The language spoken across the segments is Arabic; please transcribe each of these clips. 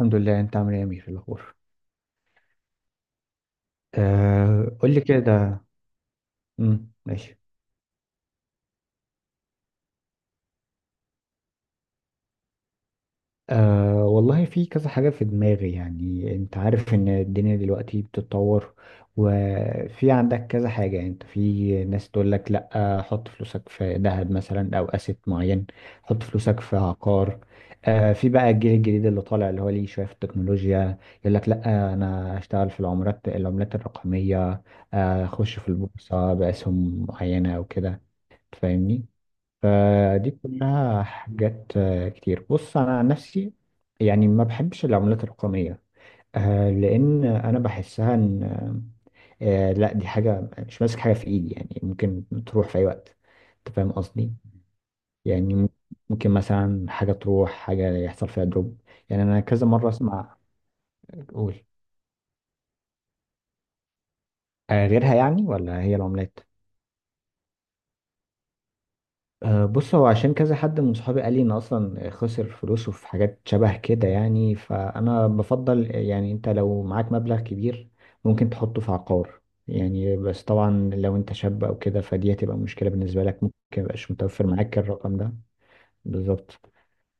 الحمد لله. انت عامل ايه يا امير؟ إيه الاخبار؟ آه، قول لي كده. ماشي. آه، والله في كذا حاجه في دماغي. يعني انت عارف ان الدنيا دلوقتي بتتطور، وفي عندك كذا حاجه. انت في ناس تقول لك لا، حط فلوسك في ذهب مثلا او اسيت معين، حط فلوسك في عقار. آه، في بقى الجيل الجديد اللي طالع اللي هو ليه شويه في التكنولوجيا، يقول لك لا انا هشتغل في العملات الرقميه. آه، اخش في البورصه باسهم معينه او كده. تفهمني؟ فدي كلها حاجات آه، كتير. بص انا عن نفسي، يعني ما بحبش العملات الرقميه. آه، لان انا بحسها ان لا، دي حاجه مش ماسك حاجه في ايدي، يعني ممكن تروح في اي وقت. انت فاهم قصدي؟ يعني ممكن مثلا حاجه تروح، حاجه يحصل فيها دروب. يعني انا كذا مره اسمع. قول، آه، غيرها يعني ولا هي العملات؟ أه، بص هو عشان كذا حد من صحابي قال لي ان اصلا خسر فلوسه في حاجات شبه كده، يعني فانا بفضل يعني انت لو معاك مبلغ كبير ممكن تحطه في عقار. يعني بس طبعا لو انت شاب او كده فدي هتبقى مشكلة بالنسبة لك، ممكن ميبقاش متوفر معاك الرقم ده. بالظبط.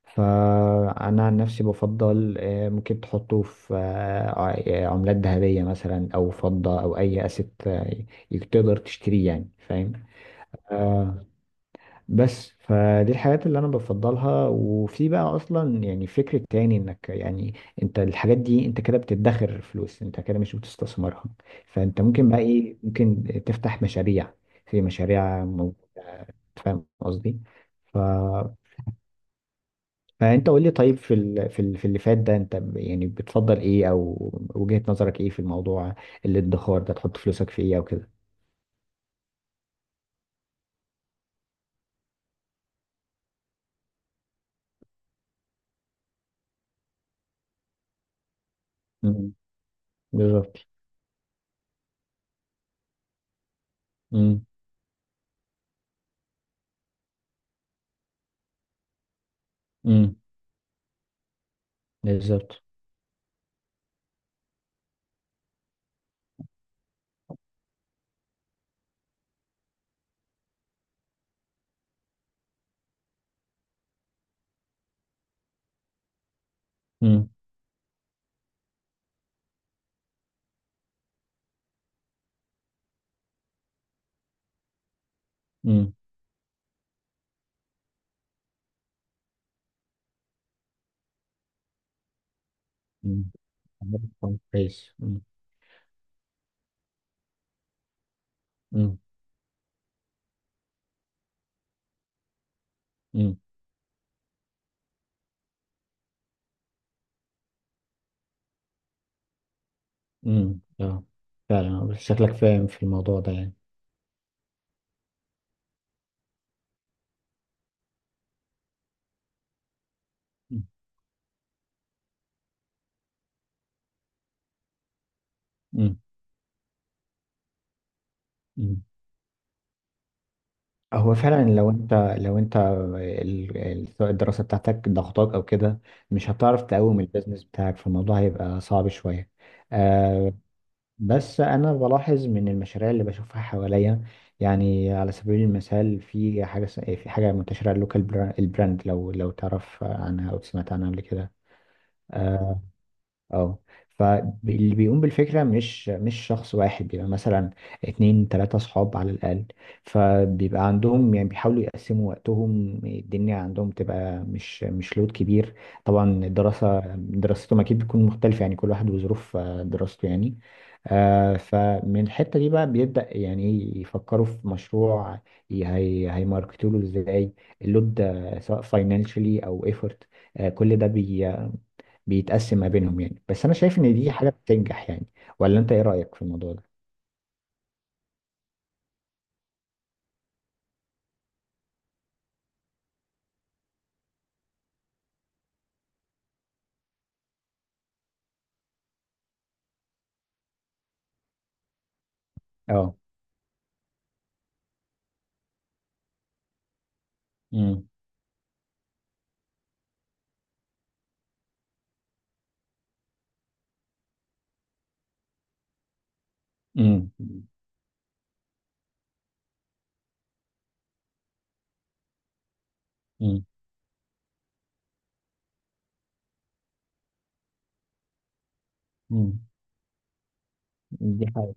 فانا عن نفسي بفضل آه، ممكن تحطه في آه، عملات ذهبية مثلا او فضة او اي اسيت تقدر تشتريه. يعني فاهم؟ آه، بس فدي الحاجات اللي انا بفضلها. وفي بقى اصلا يعني فكرة تاني انك يعني انت الحاجات دي انت كده بتدخر فلوس، انت كده مش بتستثمرها. فانت ممكن بقى ايه، ممكن تفتح مشاريع، في مشاريع موجودة. فاهم قصدي؟ ف... فانت قول لي طيب، في في اللي فات ده، يعني بتفضل ايه، او وجهة نظرك ايه في الموضوع، الادخار ده تحط فلوسك في ايه او كده. مم. بالظبط. مم. مم. بالظبط. مم. مم. مم. عارف. كويس. مم. مم. مم. مم. اه، فعلا شكلك فاهم في الموضوع ده يعني. مم. مم. مم. هو فعلا لو انت سواء الدراسة بتاعتك ضغطاك او كده مش هتعرف تقوم البيزنس بتاعك، فالموضوع هيبقى صعب شوية. آه، بس انا بلاحظ من المشاريع اللي بشوفها حواليا. يعني على سبيل المثال في في حاجة منتشرة، اللوكال براند. لو تعرف عنها او سمعت عنها قبل كده. آه، اه. فاللي بيقوم بالفكرة مش شخص واحد، بيبقى مثلا اتنين تلاتة صحاب على الأقل. فبيبقى عندهم يعني بيحاولوا يقسموا وقتهم، الدنيا عندهم تبقى مش لود كبير. طبعا الدراسة دراستهم أكيد بتكون مختلفة، يعني كل واحد وظروف آه، دراسته يعني. آه، فمن الحتة دي بقى بيبدأ يعني إيه، يفكروا في مشروع، هي هيماركتوله ازاي، اللود آه، سواء فاينانشلي او ايفورت. كل ده بيتقسم ما بينهم يعني. بس انا شايف ان دي حاجه بتنجح يعني. ولا انت ايه رايك في الموضوع ده؟ اه. امم. امم. امم. امم. دي حاجه.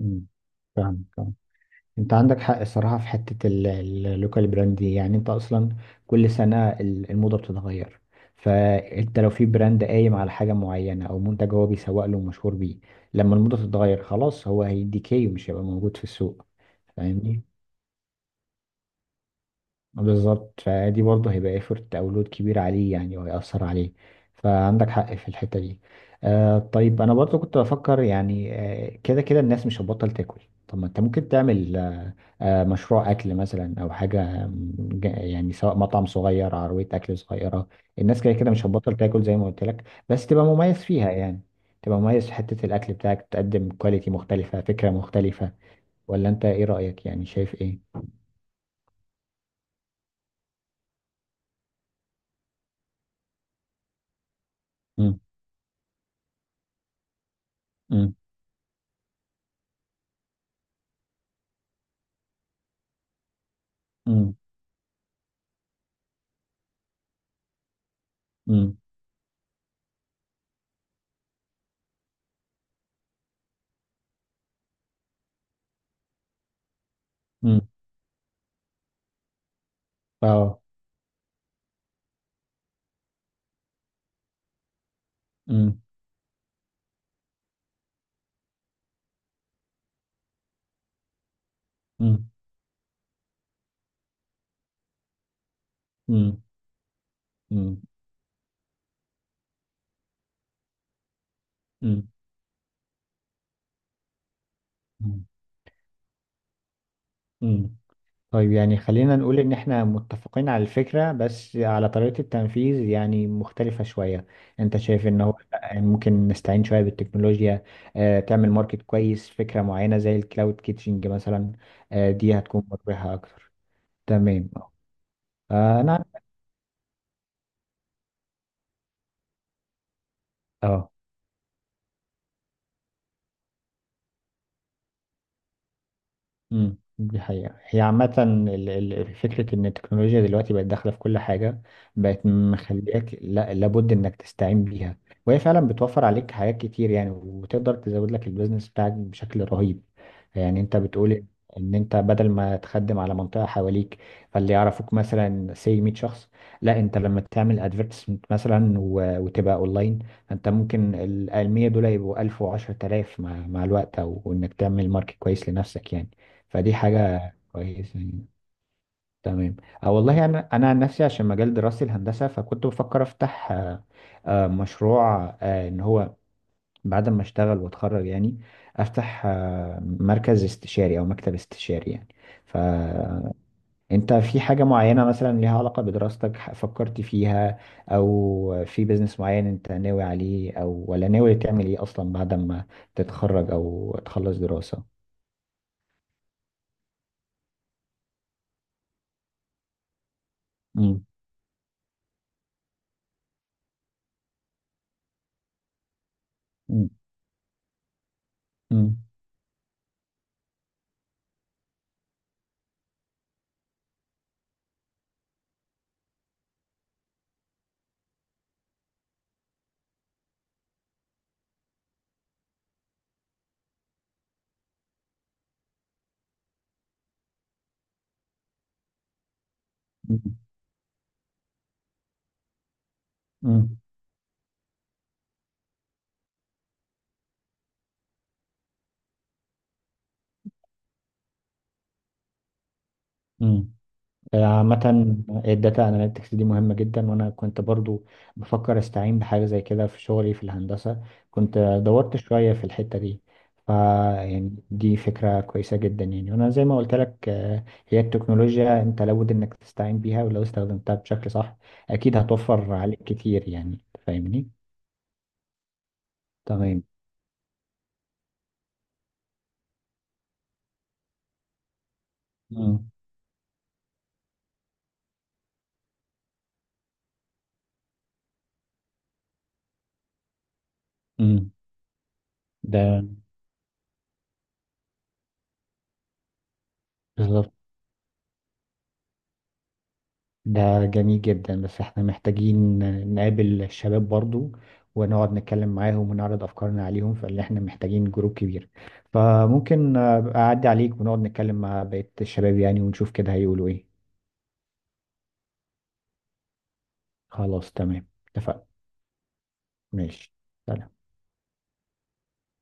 امم. فاهم فاهم. انت عندك حق الصراحه في حته اللوكال براند دي. يعني انت اصلا كل سنه الموضه بتتغير. فانت لو في براند قايم على حاجه معينه او منتج هو بيسوق له ومشهور بيه، لما الموضه تتغير خلاص هو هيديكي ومش هيبقى موجود في السوق. فاهمني؟ بالظبط. فدي برضه هيبقى ايفورت او لود كبير عليه يعني وهيأثر عليه، فعندك حق في الحتة دي. آه، طيب انا برضه كنت بفكر يعني آه، كده كده الناس مش هتبطل تاكل. طب ما انت ممكن تعمل آه، آه، مشروع اكل مثلا او حاجة يعني سواء مطعم صغير عربية اكل صغيرة. الناس كده كده مش هتبطل تاكل زي ما قلت لك، بس تبقى مميز فيها يعني. تبقى مميز في حتة الاكل بتاعك، تقدم كواليتي مختلفة فكرة مختلفة. ولا انت ايه رأيك، يعني شايف ايه؟ مم. مم. مم. مم. امم. اه. امم. امم. امم. امم. امم. امم. امم. طيب يعني خلينا نقول ان احنا متفقين على الفكرة، بس على طريقة التنفيذ يعني مختلفة شوية. انت شايف ان هو لأ، ممكن نستعين شوية بالتكنولوجيا. آه، تعمل ماركت كويس فكرة معينة زي الكلاود كيتشنج مثلا. آه، دي هتكون مربحة اكتر. تمام اه. آه، انا. اه. امم، دي حقيقة هي عامة فكرة إن التكنولوجيا دلوقتي بقت داخلة في كل حاجة، بقت مخليك لا لابد إنك تستعين بيها. وهي فعلا بتوفر عليك حاجات كتير يعني، وتقدر تزود لك البيزنس بتاعك بشكل رهيب. يعني أنت بتقول إن أنت بدل ما تخدم على منطقة حواليك، فاللي يعرفوك مثلا سي 100 شخص، لا أنت لما تعمل ادفرتسمنت مثلا وتبقى أونلاين، أنت ممكن ال 100 دول يبقوا 1000 و10000 مع الوقت، أو إنك تعمل ماركت كويس لنفسك يعني. فدي حاجة كويسة يعني. تمام. أه، والله أنا عن نفسي عشان مجال دراستي الهندسة، فكنت بفكر أفتح آه، آه، مشروع آه، إن هو بعد ما أشتغل وأتخرج يعني أفتح آه، مركز استشاري أو مكتب استشاري يعني. فأنت في حاجة معينة مثلا ليها علاقة بدراستك، فكرت فيها، أو في بيزنس معين أنت ناوي عليه، أو ولا ناوي تعمل إيه أصلا بعد ما تتخرج أو تخلص دراسة؟ مم. مم. مم. مم. امم. عامة آه، الداتا اناليتكس دي مهمة جدا. وانا كنت برضو بفكر استعين بحاجة زي كده في شغلي في الهندسة. كنت دورت شوية في الحتة دي. ف يعني دي فكرة كويسة جدا يعني. وانا زي ما قلت لك آه، هي التكنولوجيا انت لابد انك تستعين بيها، ولو استخدمتها بشكل صح اكيد هتوفر عليك كتير يعني. فاهمني؟ تمام. امم. امم. ده بالظبط. ده جميل جدا، بس احنا محتاجين نقابل الشباب برضو، ونقعد نتكلم معاهم ونعرض افكارنا عليهم. فاللي احنا محتاجين جروب كبير. فممكن آه، أبقى اعدي عليك ونقعد نتكلم مع بقية الشباب يعني، ونشوف كده هيقولوا ايه. خلاص تمام اتفقنا. ماشي. سلام.